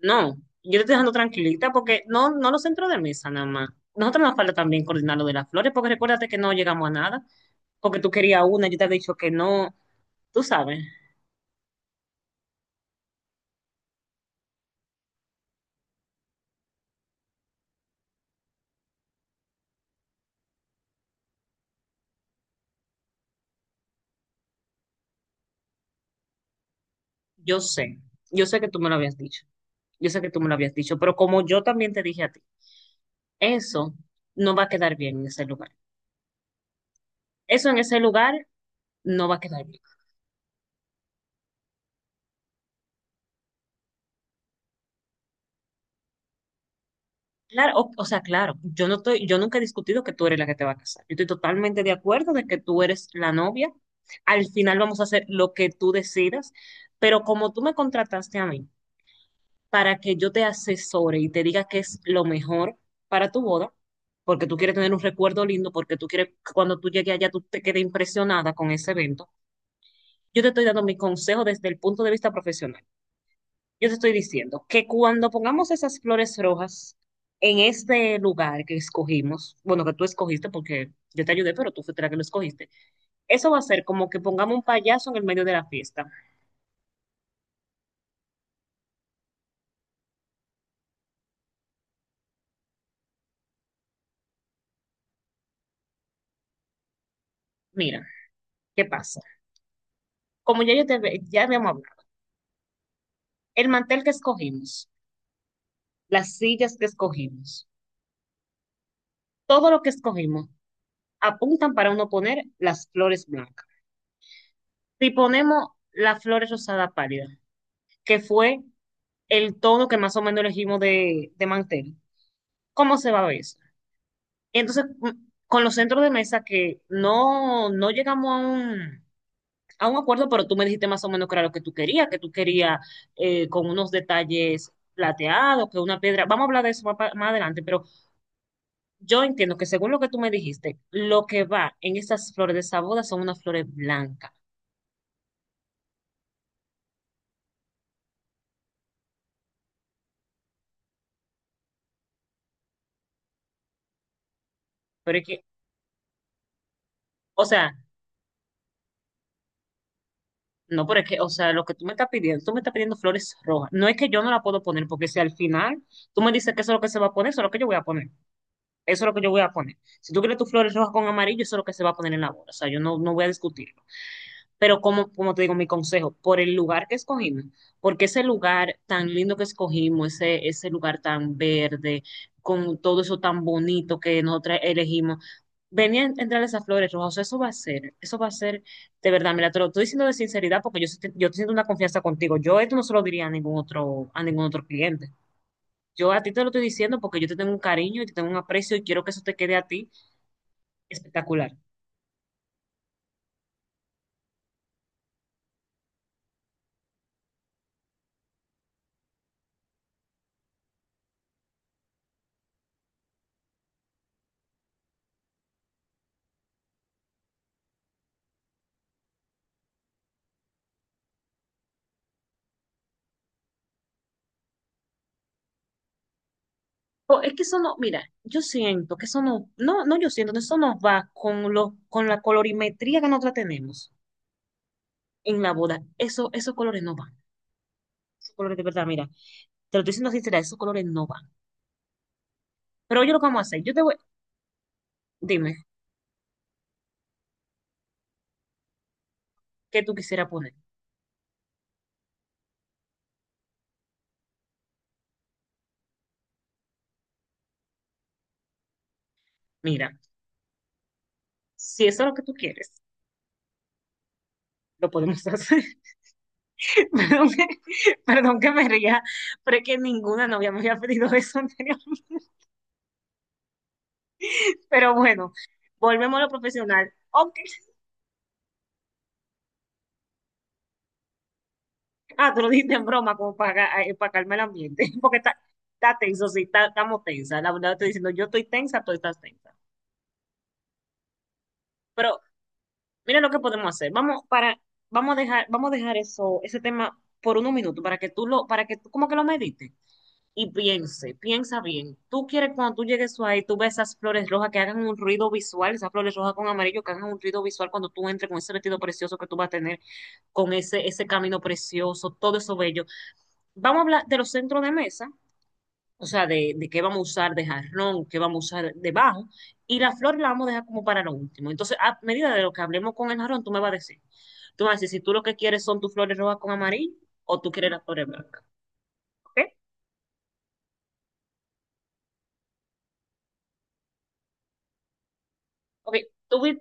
No, yo te estoy dejando tranquilita porque no los centros de mesa nada más. Nosotros nos falta también coordinar lo de las flores, porque recuérdate que no llegamos a nada, porque tú querías una, yo te había dicho que no. Tú sabes, yo sé, yo sé que tú me lo habías dicho, yo sé que tú me lo habías dicho, pero como yo también te dije a ti, eso no va a quedar bien en ese lugar. Eso en ese lugar no va a quedar bien. Claro, o sea, claro, yo no estoy, yo nunca he discutido que tú eres la que te va a casar. Yo estoy totalmente de acuerdo de que tú eres la novia. Al final vamos a hacer lo que tú decidas, pero como tú me contrataste a mí para que yo te asesore y te diga qué es lo mejor para tu boda, porque tú quieres tener un recuerdo lindo, porque tú quieres que cuando tú llegues allá tú te quedes impresionada con ese evento, yo te estoy dando mi consejo desde el punto de vista profesional. Yo te estoy diciendo que cuando pongamos esas flores rojas en este lugar que escogimos, bueno, que tú escogiste porque yo te ayudé, pero tú fuiste la que lo escogiste, eso va a ser como que pongamos un payaso en el medio de la fiesta. Mira, ¿qué pasa? Como ya, ya habíamos hablado, el mantel que escogimos, las sillas que escogimos, todo lo que escogimos apuntan para uno poner las flores blancas. Si ponemos las flores rosada pálida, que fue el tono que más o menos elegimos de mantel, cómo se va a ver eso. Entonces, con los centros de mesa que no llegamos a a un acuerdo, pero tú me dijiste más o menos que era lo que tú querías con unos detalles plateados, que una piedra. Vamos a hablar de eso más, más adelante, pero yo entiendo que según lo que tú me dijiste, lo que va en esas flores de esa boda son unas flores blancas. Pero es que, o sea, No, pero es que, o sea, lo que tú me estás pidiendo, tú me estás pidiendo flores rojas. No es que yo no la puedo poner, porque si al final tú me dices que eso es lo que se va a poner, eso es lo que yo voy a poner. Eso es lo que yo voy a poner. Si tú quieres tus flores rojas con amarillo, eso es lo que se va a poner en la boda. O sea, yo no, no voy a discutirlo. Pero como te digo, mi consejo, por el lugar que escogimos, porque ese lugar tan lindo que escogimos, ese lugar tan verde, con todo eso tan bonito que nosotros elegimos, venían a entrar esas flores rojas. O sea, eso va a ser, de verdad, mira, te lo estoy diciendo de sinceridad porque yo siento una confianza contigo. Yo esto no se lo diría a ningún otro cliente. Yo a ti te lo estoy diciendo porque yo te tengo un cariño y te tengo un aprecio y quiero que eso te quede a ti espectacular. O es que eso no, mira, yo siento que eso no, no, no, yo siento que eso nos va con lo con la colorimetría que nosotros tenemos en la boda. Eso, esos colores no van. Esos colores de verdad, mira, te lo estoy diciendo sincera, esos colores no van. Pero yo lo que vamos a hacer, yo te voy, dime, ¿qué tú quisieras poner? Mira, si eso es lo que tú quieres, lo podemos hacer. Perdón que, perdón que me ría, pero es que ninguna novia me había pedido eso anteriormente. Pero bueno, volvemos a lo profesional. Ok. Ah, tú lo dijiste en broma, como para calmar el ambiente, porque está tenso, sí, estamos tensa. La verdad, estoy diciendo, yo estoy tensa, tú estás tensa. Pero mira lo que podemos hacer. Vamos a dejar eso, ese tema por unos minutos para que para que tú como que lo medites y piensa bien. Tú quieres cuando tú llegues ahí, tú ves esas flores rojas que hagan un ruido visual, esas flores rojas con amarillo que hagan un ruido visual cuando tú entres con ese vestido precioso que tú vas a tener, con ese camino precioso, todo eso bello. Vamos a hablar de los centros de mesa, o sea, de qué vamos a usar de jarrón, qué vamos a usar de bajo, y la flor la vamos a dejar como para lo último. Entonces, a medida de lo que hablemos con el jarrón, tú me vas a decir si tú lo que quieres son tus flores rojas con amarillo o tú quieres las flores blancas, ¿ok? Ok, tú, vi-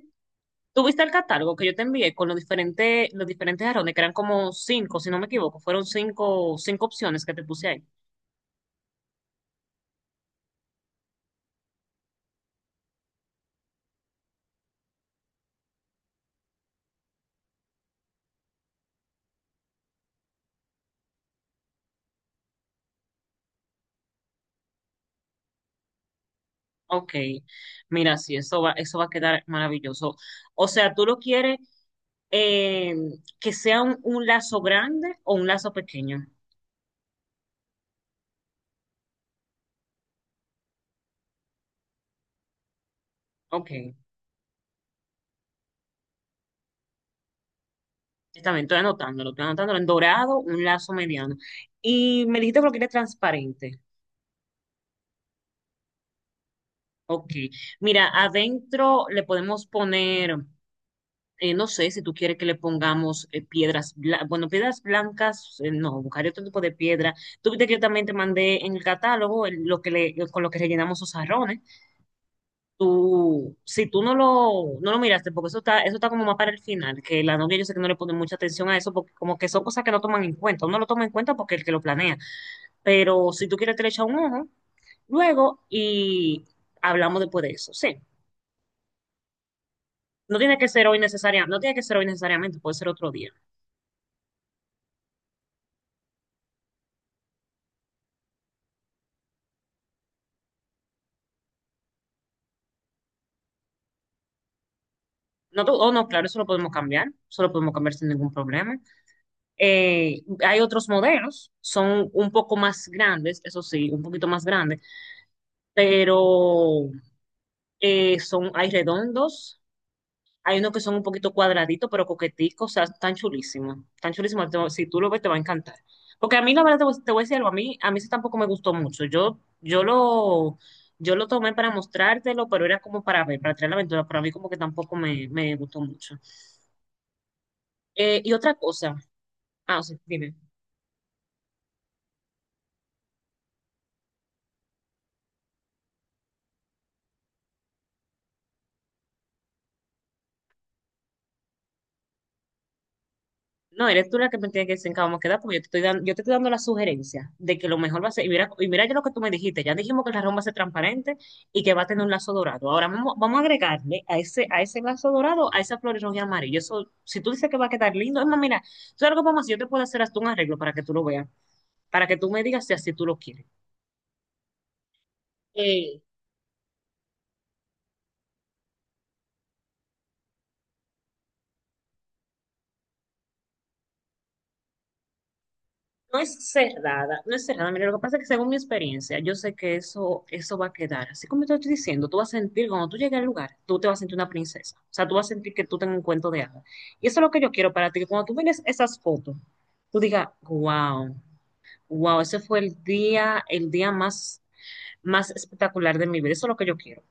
tú viste el catálogo que yo te envié con los diferentes jarrones, que eran como cinco, si no me equivoco, fueron cinco, cinco opciones que te puse ahí. Ok, mira, sí, eso va a quedar maravilloso. O sea, tú lo quieres eh, que sea un lazo grande o un lazo pequeño. Ok, sí, está bien, estoy anotándolo en dorado, un lazo mediano. Y me dijiste que lo quieres transparente. Ok, mira, adentro le podemos poner, no sé si tú quieres que le pongamos piedras, bueno, piedras blancas, no, buscaré otro tipo de piedra. Tú viste que yo también te mandé en el catálogo lo que le, con lo que rellenamos los jarrones. Tú, si tú no lo miraste, porque eso está como más para el final, que la novia yo sé que no le pone mucha atención a eso, porque como que son cosas que no toman en cuenta, uno lo toma en cuenta porque es el que lo planea, pero si tú quieres te le echa un ojo, luego y hablamos después de eso, sí. No tiene que ser hoy necesariamente, no tiene que ser hoy necesariamente, puede ser otro día. No, oh, no, claro, eso lo podemos cambiar, eso lo podemos cambiar sin ningún problema. Hay otros modelos, son un poco más grandes, eso sí, un poquito más grandes, pero eh, hay redondos, hay unos que son un poquito cuadraditos, pero coqueticos, o sea, están chulísimos, si tú lo ves te va a encantar. Porque a mí, la verdad, te voy a decir algo, a mí ese tampoco me gustó mucho, yo lo tomé para mostrártelo, pero era como para ver, para traer la aventura, pero a mí como que tampoco me gustó mucho. Y otra cosa, ah, sí, dime. No, eres tú la que me tiene que decir en qué vamos a quedar, porque yo te estoy dando la sugerencia de que lo mejor va a ser, y mira ya lo que tú me dijiste, ya dijimos que el jarrón va a ser transparente y que va a tener un lazo dorado. Ahora vamos, vamos a agregarle a a ese lazo dorado, a esa flor roja y amarillo. Eso, si tú dices que va a quedar lindo, es más, mira, tú sabes lo que vamos a hacer, yo te puedo hacer hasta un arreglo para que tú lo veas, para que tú me digas si así tú lo quieres. Eh, No es cerrada, no es cerrada. Mira, lo que pasa es que según mi experiencia, yo sé que eso va a quedar. Así como te estoy diciendo, tú vas a sentir, cuando tú llegues al lugar, tú te vas a sentir una princesa. O sea, tú vas a sentir que tú tengas un cuento de hadas. Y eso es lo que yo quiero para ti, que cuando tú mires esas fotos, tú digas, wow, wow, ese fue el día, más espectacular de mi vida. Eso es lo que yo quiero.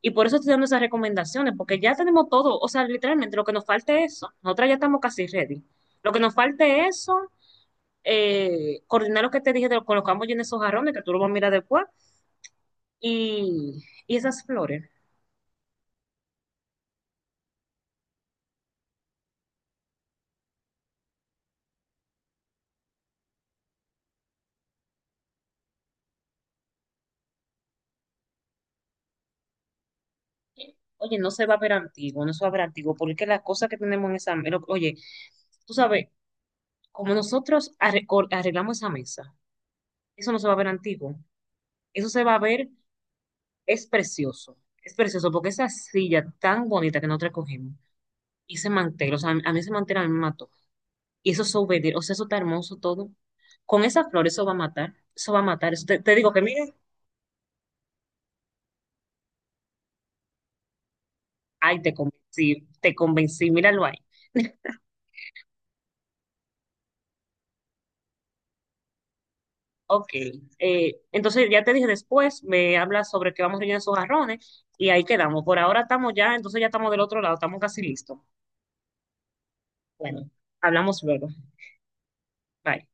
Y por eso estoy dando esas recomendaciones, porque ya tenemos todo. O sea, literalmente lo que nos falta es eso. Nosotras ya estamos casi ready. Lo que nos falta es eso, coordinar lo que te dije de con los que en esos jarrones, que tú lo vas a mirar después, y esas flores. Oye, no se va a ver antiguo, no se va a ver antiguo, porque es que las cosas que tenemos en esa mesa, oye, tú sabes, como nosotros arreglamos esa mesa, eso no se va a ver antiguo, eso se va a ver, es precioso, es precioso, porque esa silla tan bonita que nosotros cogimos, y ese mantel, o sea, a mí ese mantel a mí me mató, y eso es o sea, eso está hermoso todo, con esas flores eso va a matar, eso va a matar, te digo que mira, ay, te convencí, míralo ahí. Ok, entonces ya te dije después, me hablas sobre qué vamos a rellenar esos jarrones y ahí quedamos. Por ahora estamos ya, entonces ya estamos del otro lado, estamos casi listos. Bueno, hablamos luego. Bye.